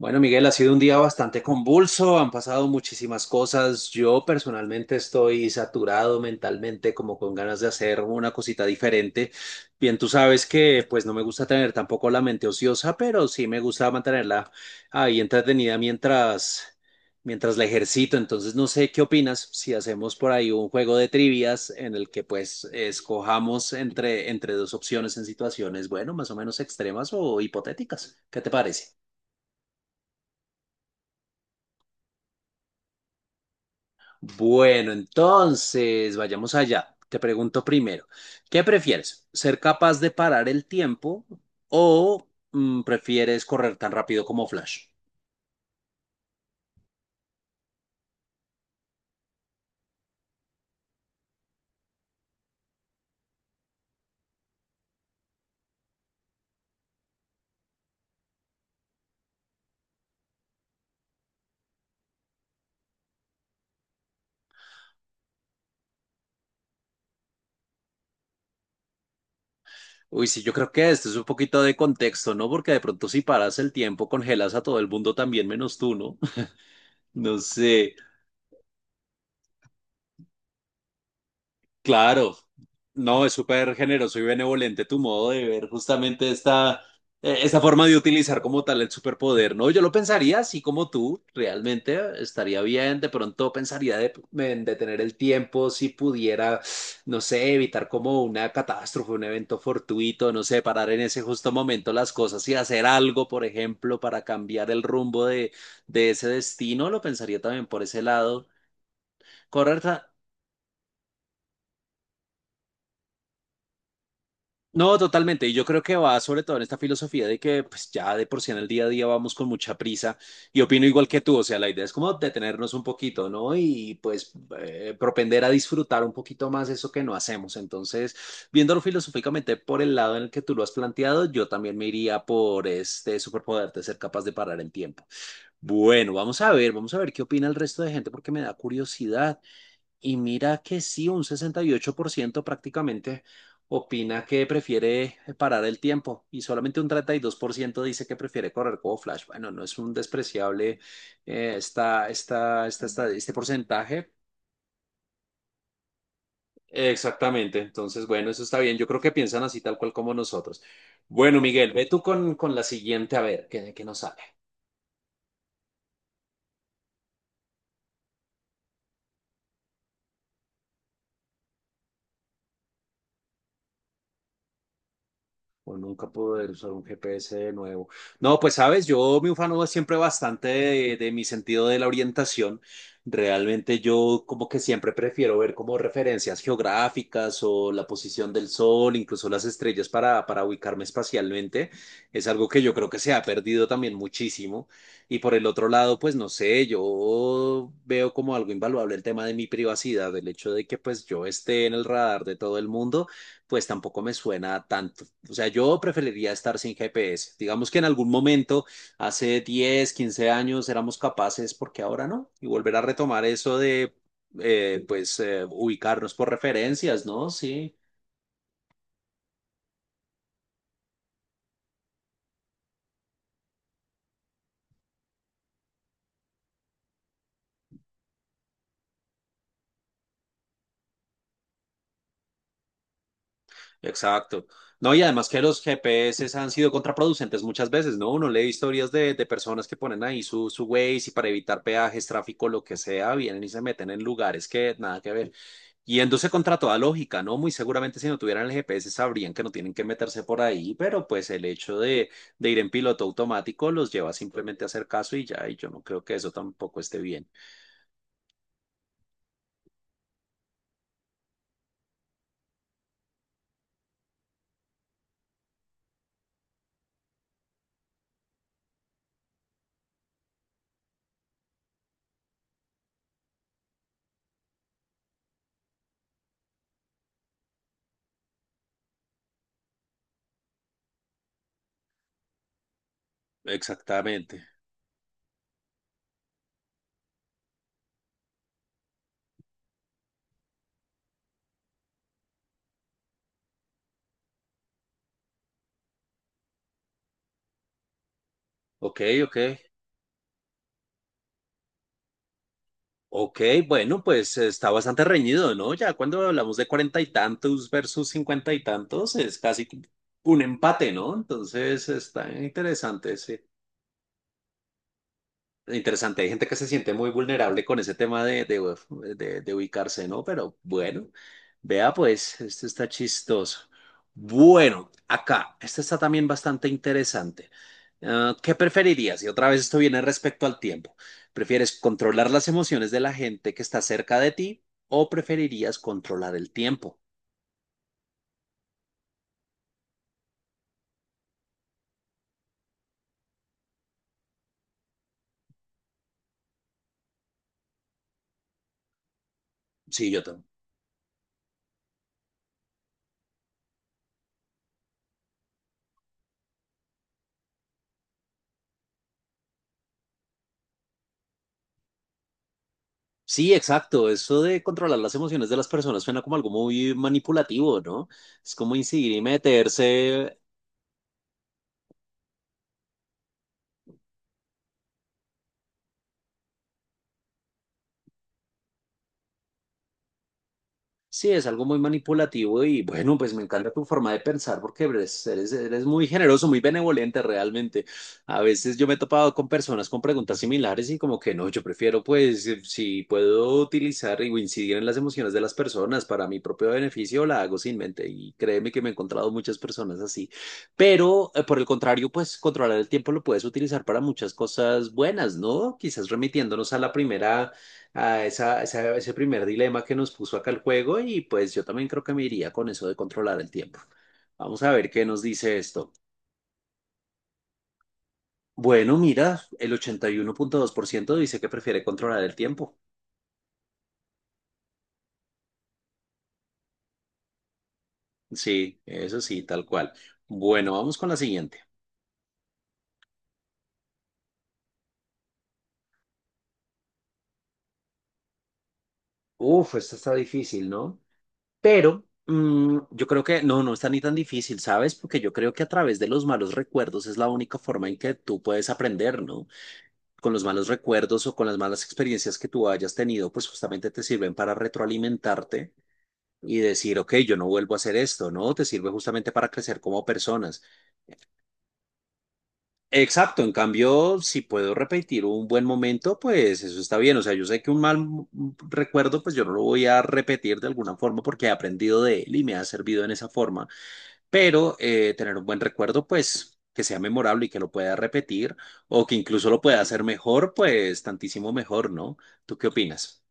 Bueno, Miguel, ha sido un día bastante convulso, han pasado muchísimas cosas. Yo personalmente estoy saturado mentalmente, como con ganas de hacer una cosita diferente. Bien, tú sabes que pues no me gusta tener tampoco la mente ociosa, pero sí me gusta mantenerla ahí entretenida mientras la ejercito. Entonces, no sé qué opinas si hacemos por ahí un juego de trivias en el que pues escojamos entre dos opciones en situaciones, bueno, más o menos extremas o hipotéticas. ¿Qué te parece? Bueno, entonces, vayamos allá. Te pregunto primero, ¿qué prefieres? ¿Ser capaz de parar el tiempo o prefieres correr tan rápido como Flash? Uy, sí, yo creo que esto es un poquito de contexto, ¿no? Porque de pronto si paras el tiempo, congelas a todo el mundo también menos tú, ¿no? No sé. Claro, no, es súper generoso y benevolente tu modo de ver justamente esta, esta forma de utilizar como tal el superpoder, ¿no? Yo lo pensaría así como tú, realmente estaría bien, de pronto pensaría de, en detener el tiempo si pudiera, no sé, evitar como una catástrofe, un evento fortuito, no sé, parar en ese justo momento las cosas y hacer algo, por ejemplo, para cambiar el rumbo de ese destino, lo pensaría también por ese lado. Correcto, no, totalmente. Y yo creo que va sobre todo en esta filosofía de que pues ya de por sí en el día a día vamos con mucha prisa y opino igual que tú. O sea, la idea es como detenernos un poquito, ¿no? Y pues propender a disfrutar un poquito más eso que no hacemos. Entonces, viéndolo filosóficamente por el lado en el que tú lo has planteado, yo también me iría por este superpoder de ser capaz de parar el tiempo. Bueno, vamos a ver qué opina el resto de gente porque me da curiosidad. Y mira que sí, un 68% prácticamente opina que prefiere parar el tiempo y solamente un 32% dice que prefiere correr como Flash. Bueno, no es un despreciable este porcentaje. Exactamente, entonces bueno, eso está bien. Yo creo que piensan así tal cual como nosotros. Bueno, Miguel, ve tú con la siguiente, a ver, que nos sale. O nunca poder usar un GPS de nuevo. No, pues sabes, yo me ufano siempre bastante de mi sentido de la orientación. Realmente yo como que siempre prefiero ver como referencias geográficas o la posición del sol, incluso las estrellas para ubicarme espacialmente. Es algo que yo creo que se ha perdido también muchísimo. Y por el otro lado, pues no sé, yo veo como algo invaluable el tema de mi privacidad, el hecho de que pues yo esté en el radar de todo el mundo pues tampoco me suena tan o sea, yo preferiría estar sin GPS. Digamos que en algún momento, hace 10, 15 años, éramos capaces, porque ahora, ¿no? Y volver a retomar eso de, pues, ubicarnos por referencias, ¿no? Sí. Exacto. No, y además que los GPS han sido contraproducentes muchas veces, ¿no? Uno lee historias de personas que ponen ahí su Waze y para evitar peajes, tráfico, lo que sea, vienen y se meten en lugares que nada que ver. Yéndose contra toda lógica, ¿no? Muy seguramente si no tuvieran el GPS sabrían que no tienen que meterse por ahí, pero pues el hecho de ir en piloto automático los lleva simplemente a hacer caso y ya, y yo no creo que eso tampoco esté bien. Exactamente. Ok, ok. Ok, bueno, pues está bastante reñido, ¿no? Ya cuando hablamos de cuarenta y tantos versus cincuenta y tantos, es casi un empate, ¿no? Entonces está interesante, sí. Interesante, hay gente que se siente muy vulnerable con ese tema de ubicarse, ¿no? Pero bueno, vea pues, esto está chistoso. Bueno, acá, esto está también bastante interesante. Ah, ¿qué preferirías? Y otra vez esto viene respecto al tiempo. ¿Prefieres controlar las emociones de la gente que está cerca de ti o preferirías controlar el tiempo? Sí, yo también. Sí, exacto. Eso de controlar las emociones de las personas suena como algo muy manipulativo, ¿no? Es como incidir y meterse. Sí, es algo muy manipulativo y bueno, pues me encanta tu forma de pensar porque eres muy generoso, muy benevolente realmente. A veces yo me he topado con personas con preguntas similares y como que no, yo prefiero pues si puedo utilizar y incidir en las emociones de las personas para mi propio beneficio, la hago sin mente y créeme que me he encontrado muchas personas así. Pero por el contrario, pues controlar el tiempo lo puedes utilizar para muchas cosas buenas, ¿no? Quizás remitiéndonos a la primera a esa, ese primer dilema que nos puso acá el juego y pues yo también creo que me iría con eso de controlar el tiempo. Vamos a ver qué nos dice esto. Bueno, mira, el 81,2% dice que prefiere controlar el tiempo. Sí, eso sí, tal cual. Bueno, vamos con la siguiente. Uf, esta está difícil, ¿no? Pero yo creo que no, no está ni tan difícil, ¿sabes? Porque yo creo que a través de los malos recuerdos es la única forma en que tú puedes aprender, no con los malos recuerdos o con las malas experiencias que tú hayas tenido, pues justamente te sirven para retroalimentarte y decir, ok, yo no vuelvo a hacer esto, ¿no? Te sirve justamente para crecer como personas. Exacto, en cambio, si puedo repetir un buen momento, pues eso está bien. O sea, yo sé que un mal recuerdo, pues yo no lo voy a repetir de alguna forma porque he aprendido de él y me ha servido en esa forma, pero tener un buen recuerdo, pues que sea memorable y que lo pueda repetir o que incluso lo pueda hacer mejor, pues tantísimo mejor, ¿no? ¿Tú qué opinas?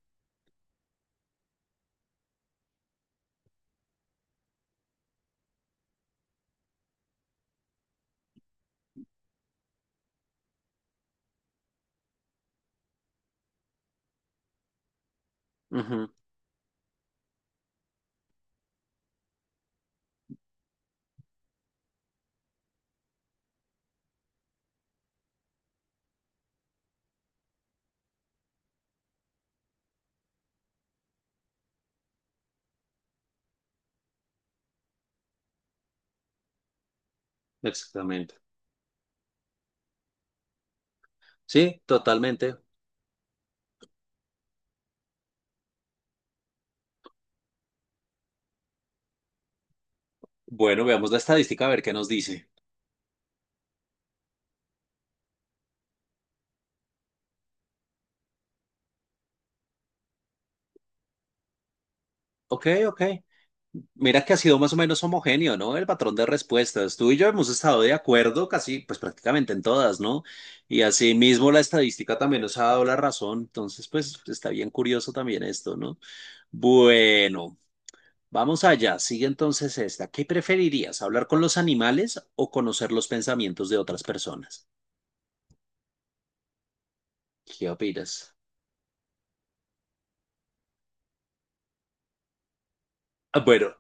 Ujú, exactamente. Sí, totalmente. Bueno, veamos la estadística a ver qué nos dice. Ok, ok. Mira que ha sido más o menos homogéneo, ¿no? El patrón de respuestas. Tú y yo hemos estado de acuerdo casi, pues prácticamente en todas, ¿no? Y asimismo la estadística también nos ha dado la razón. Entonces, pues está bien curioso también esto, ¿no? Bueno. Vamos allá, sigue entonces esta. ¿Qué preferirías, hablar con los animales o conocer los pensamientos de otras personas? ¿Qué opinas? Ah, bueno,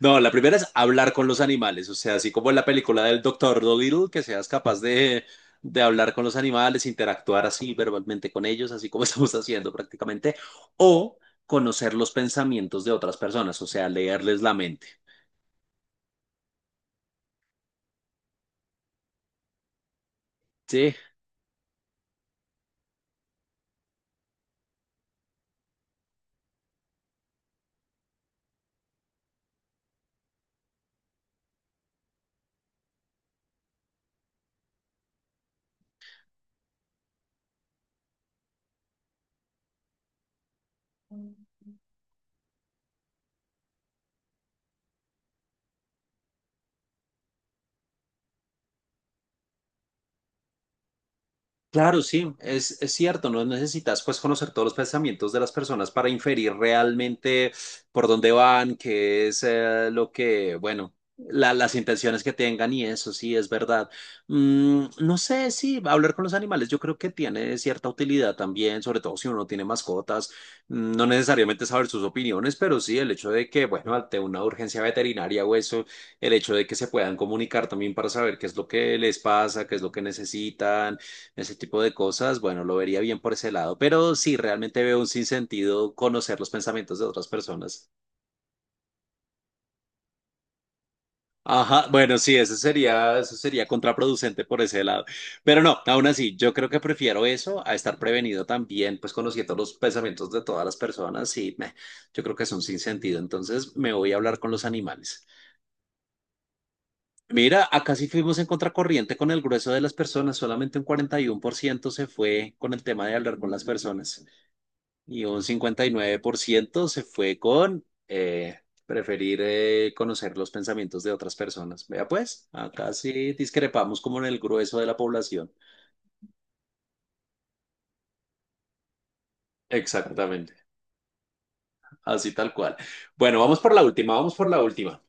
no, la primera es hablar con los animales, o sea, así como en la película del Doctor Dolittle, que seas capaz de, hablar con los animales, interactuar así verbalmente con ellos, así como estamos haciendo prácticamente, o conocer los pensamientos de otras personas, o sea, leerles la mente. Sí, claro, sí, es cierto, no necesitas pues conocer todos los pensamientos de las personas para inferir realmente por dónde van, qué es lo que, bueno, las intenciones que tengan y eso sí es verdad. Mm, no sé, sí, hablar con los animales yo creo que tiene cierta utilidad también, sobre todo si uno tiene mascotas. Mm, no necesariamente saber sus opiniones, pero sí el hecho de que, bueno, ante una urgencia veterinaria o eso, el hecho de que se puedan comunicar también para saber qué es lo que les pasa, qué es lo que necesitan, ese tipo de cosas, bueno, lo vería bien por ese lado, pero sí, realmente veo un sinsentido conocer los pensamientos de otras personas. Ajá, bueno, sí, eso sería contraproducente por ese lado. Pero no, aún así, yo creo que prefiero eso a estar prevenido también, pues conociendo los pensamientos de todas las personas y meh, yo creo que es un sinsentido. Entonces me voy a hablar con los animales. Mira, acá sí fuimos en contracorriente con el grueso de las personas, solamente un 41% se fue con el tema de hablar con las personas. Y un 59% se fue con preferir conocer los pensamientos de otras personas. Vea pues, acá sí discrepamos como en el grueso de la población. Exactamente, así tal cual. Bueno, vamos por la última, vamos por la última.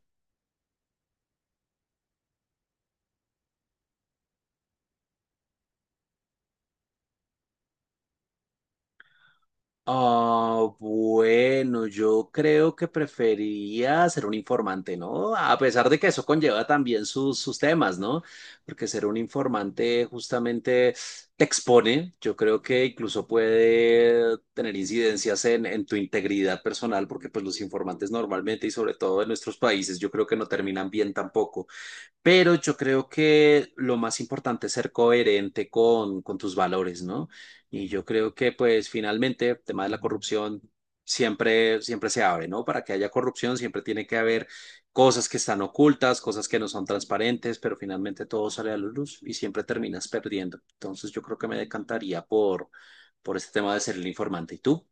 Ah, bueno, yo creo que prefería ser un informante, ¿no? A pesar de que eso conlleva también sus temas, ¿no? Porque ser un informante justamente te expone, yo creo que incluso puede tener incidencias en tu integridad personal, porque pues los informantes normalmente y sobre todo en nuestros países, yo creo que no terminan bien tampoco. Pero yo creo que lo más importante es ser coherente con tus valores, ¿no? Y yo creo que, pues, finalmente, el tema de la corrupción siempre, siempre se abre, ¿no? Para que haya corrupción siempre tiene que haber cosas que están ocultas, cosas que no son transparentes, pero finalmente todo sale a la luz y siempre terminas perdiendo. Entonces, yo creo que me decantaría por este tema de ser el informante. ¿Y tú?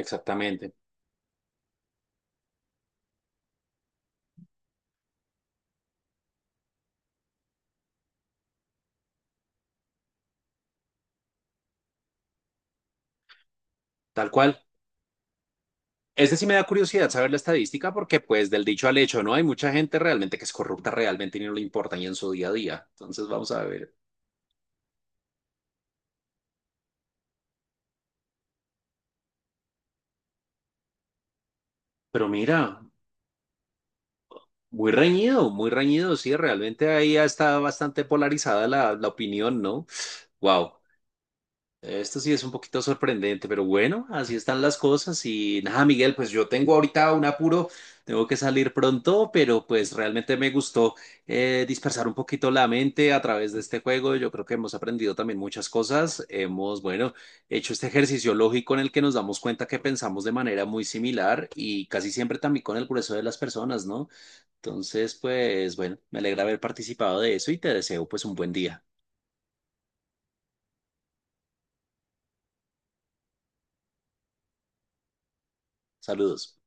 Exactamente. Tal cual. Este sí me da curiosidad saber la estadística porque pues del dicho al hecho, ¿no? Hay mucha gente realmente que es corrupta realmente y no le importa ni en su día a día. Entonces vamos a ver. Pero mira, muy reñido, sí, realmente ahí ya está bastante polarizada la opinión, ¿no? Wow. Esto sí es un poquito sorprendente, pero bueno, así están las cosas y nada, Miguel, pues yo tengo ahorita un apuro, tengo que salir pronto, pero pues realmente me gustó dispersar un poquito la mente a través de este juego. Yo creo que hemos aprendido también muchas cosas, hemos, bueno, hecho este ejercicio lógico en el que nos damos cuenta que pensamos de manera muy similar y casi siempre también con el grueso de las personas, ¿no? Entonces, pues bueno, me alegra haber participado de eso y te deseo pues un buen día. Saludos.